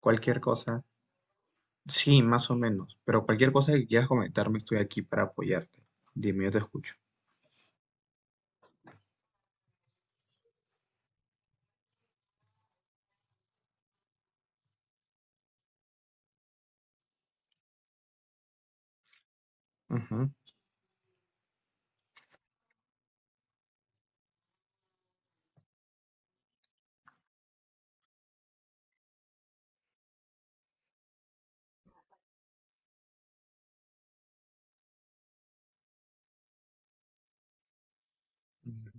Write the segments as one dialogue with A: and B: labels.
A: Cualquier cosa. Sí, más o menos. Pero cualquier cosa que quieras comentarme, estoy aquí para apoyarte. Dime, yo te escucho. Ujú. Ujú.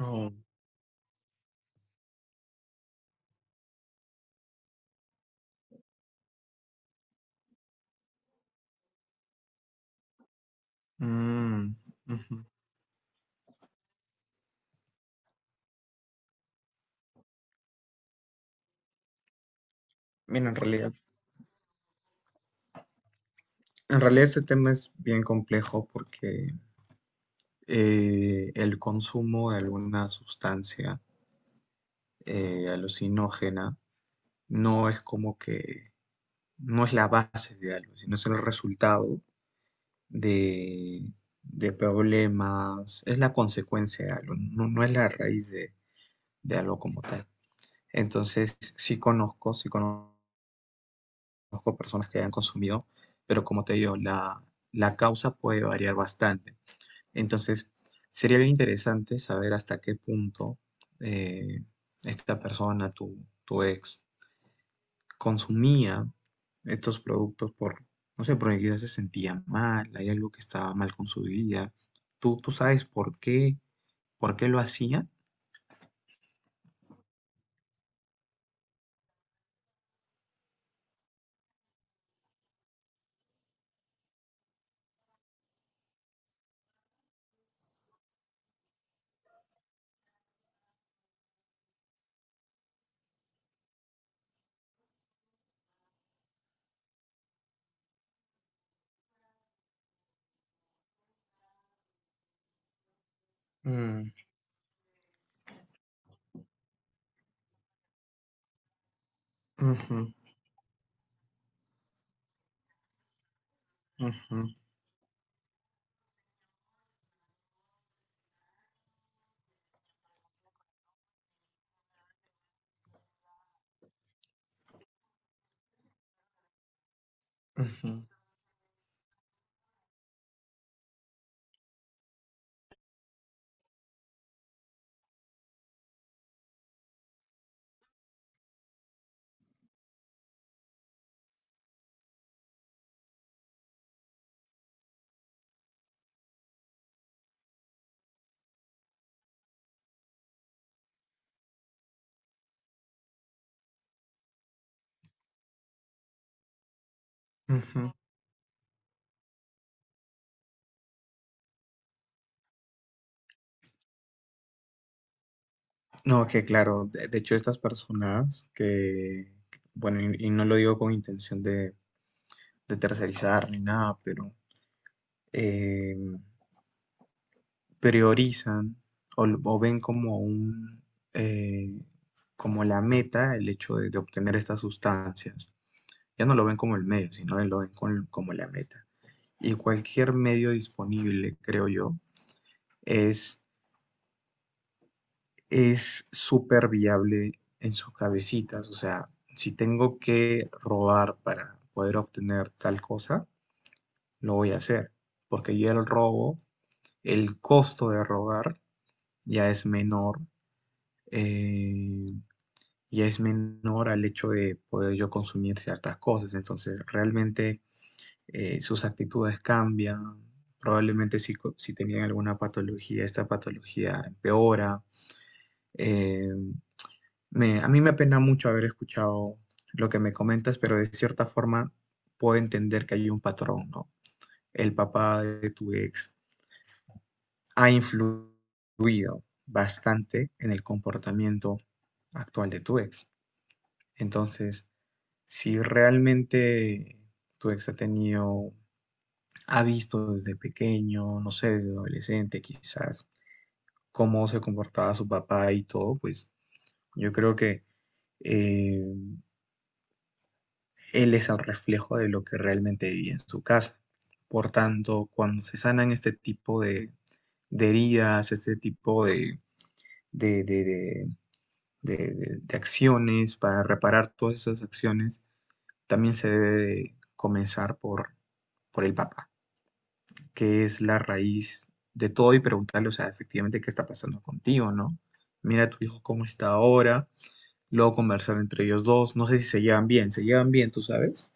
A: Oh. Mm, ujú. Mira, en realidad este tema es bien complejo porque el consumo de alguna sustancia alucinógena no es como que, no es la base de algo, sino es el resultado de, de problemas, es la consecuencia de algo, no, no es la raíz de algo como tal. Entonces, sí conozco personas que hayan consumido, pero como te digo, la causa puede variar bastante. Entonces, sería bien interesante saber hasta qué punto eh, esta persona, tu ex, consumía estos productos por, no sé, porque quizás se sentía mal, hay algo que estaba mal con su vida. ¿ tú sabes por qué lo hacía? Mm, ujú, ujú, ujú, ujú. No, que claro, de hecho estas personas que, bueno, y no lo digo con intención de tercerizar ni nada, pero eh, priorizan o, o ven como un, eh, como la meta el hecho de obtener estas sustancias. Ya no lo ven como el medio, sino lo ven como la meta. Y cualquier medio disponible, creo yo, es es súper viable en sus cabecitas. O sea, si tengo que robar para poder obtener tal cosa, lo voy a hacer. Porque ya el robo, el costo de robar ya es menor, eh, ya es menor al hecho de poder yo consumir ciertas cosas. Entonces, realmente sus actitudes cambian. Probablemente si, si tenían alguna patología, esta patología empeora. Eh, a mí me apena mucho haber escuchado lo que me comentas, pero de cierta forma puedo entender que hay un patrón, ¿no? El papá de tu ex ha influido bastante en el comportamiento actual de tu ex. Entonces, si realmente tu ex ha tenido, ha visto desde pequeño, no sé, desde adolescente quizás, cómo se comportaba su papá y todo, pues yo creo que eh, él es el reflejo de lo que realmente vivía en su casa. Por tanto, cuando se sanan este tipo de heridas, este tipo de, de, de de acciones, para reparar todas esas acciones, también se debe de comenzar por el papá, que es la raíz de todo y preguntarle, o sea, efectivamente, ¿qué está pasando contigo, no? Mira a tu hijo cómo está ahora, luego conversar entre ellos dos, no sé si se llevan bien, ¿se llevan bien, tú sabes?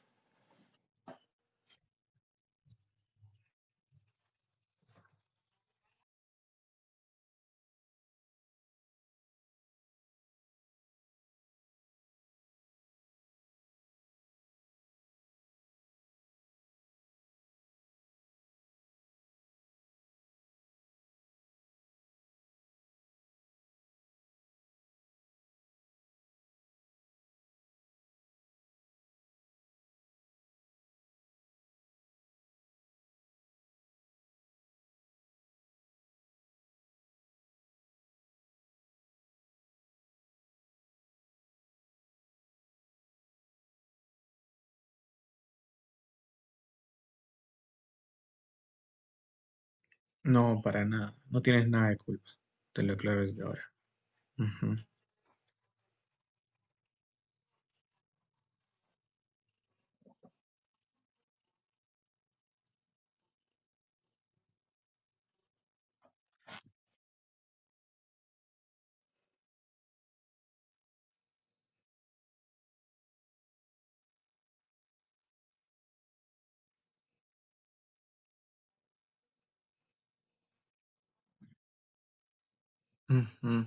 A: No, para nada. No tienes nada de culpa. Te lo aclaro desde ahora. Ujú, ujú,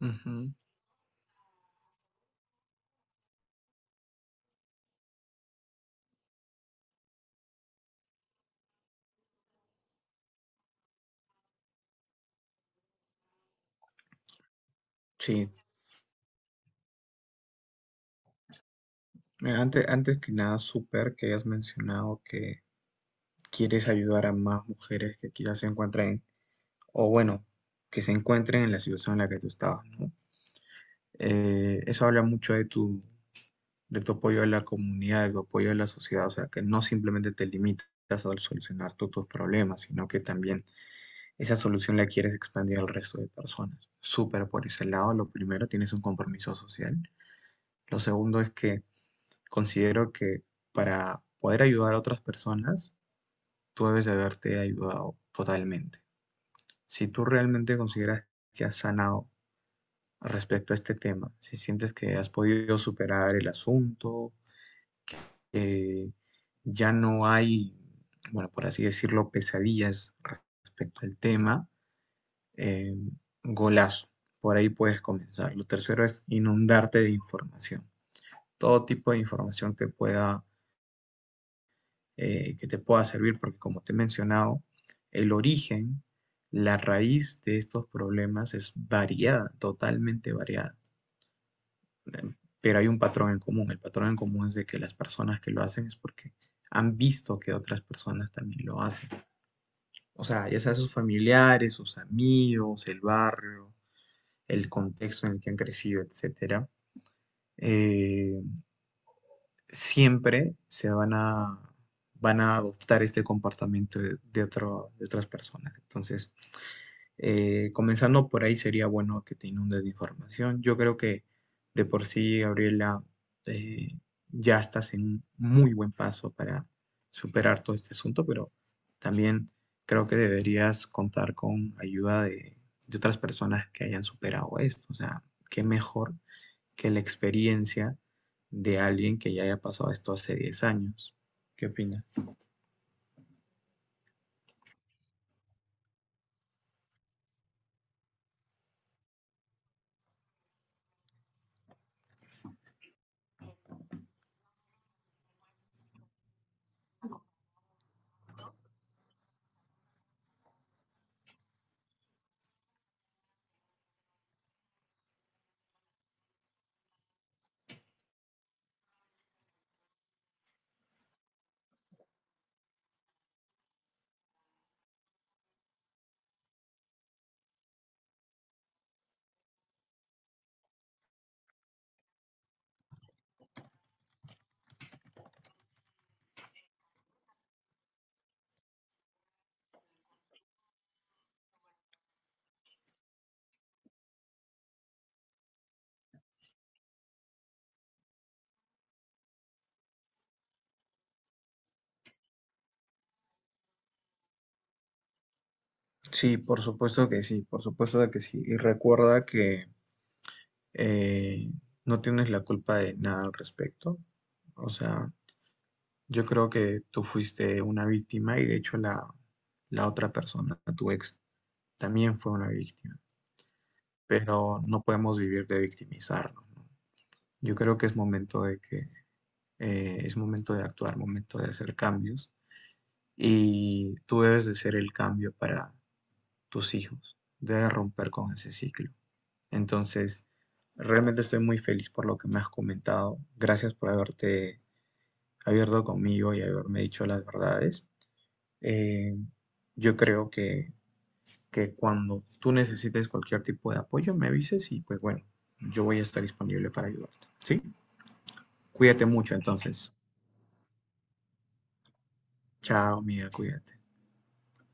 A: ujú. Sí. Mira, antes que nada, súper que hayas mencionado que quieres ayudar a más mujeres que quizás se encuentren, o bueno, que se encuentren en la situación en la que tú estabas, ¿no? Eso habla mucho de tu apoyo a la comunidad, de tu apoyo a la sociedad, o sea, que no simplemente te limitas a solucionar tú tus problemas, sino que también esa solución la quieres expandir al resto de personas. Súper por ese lado, lo primero, tienes un compromiso social. Lo segundo es que considero que para poder ayudar a otras personas, tú debes de haberte ayudado totalmente. Si tú realmente consideras que has sanado respecto a este tema, si sientes que has podido superar el asunto, eh, ya no hay, bueno, por así decirlo, pesadillas respecto al tema, eh, golazo. Por ahí puedes comenzar. Lo tercero es inundarte de información. Todo tipo de información que pueda, que te pueda servir, porque como te he mencionado, el origen, la raíz de estos problemas es variada, totalmente variada. Pero hay un patrón en común. El patrón en común es de que las personas que lo hacen es porque han visto que otras personas también lo hacen. O sea, ya sea sus familiares, sus amigos, el barrio, el contexto en el que han crecido, etcétera, eh, siempre se van a, van a adoptar este comportamiento de, de otras personas. Entonces, comenzando por ahí sería bueno que te inundes de información. Yo creo que de por sí, Gabriela, eh, ya estás en un muy buen paso para superar todo este asunto, pero también creo que deberías contar con ayuda de otras personas que hayan superado esto. O sea, qué mejor que la experiencia de alguien que ya haya pasado esto hace 10 años. ¿Qué opinas? Sí, por supuesto que sí, por supuesto que sí. Y recuerda que eh, no tienes la culpa de nada al respecto. O sea, yo creo que tú fuiste una víctima y de hecho la, la otra persona, tu ex, también fue una víctima. Pero no podemos vivir de victimizarnos. ¿No? Yo creo que es momento de que es momento de actuar, momento de hacer cambios y tú debes de ser el cambio para tus hijos, debes romper con ese ciclo. Entonces, realmente estoy muy feliz por lo que me has comentado. Gracias por haberte abierto conmigo y haberme dicho las verdades. Eh, yo creo que cuando tú necesites cualquier tipo de apoyo, me avises y pues bueno, yo voy a estar disponible para ayudarte. ¿Sí? Cuídate mucho entonces. Chao, amiga, cuídate.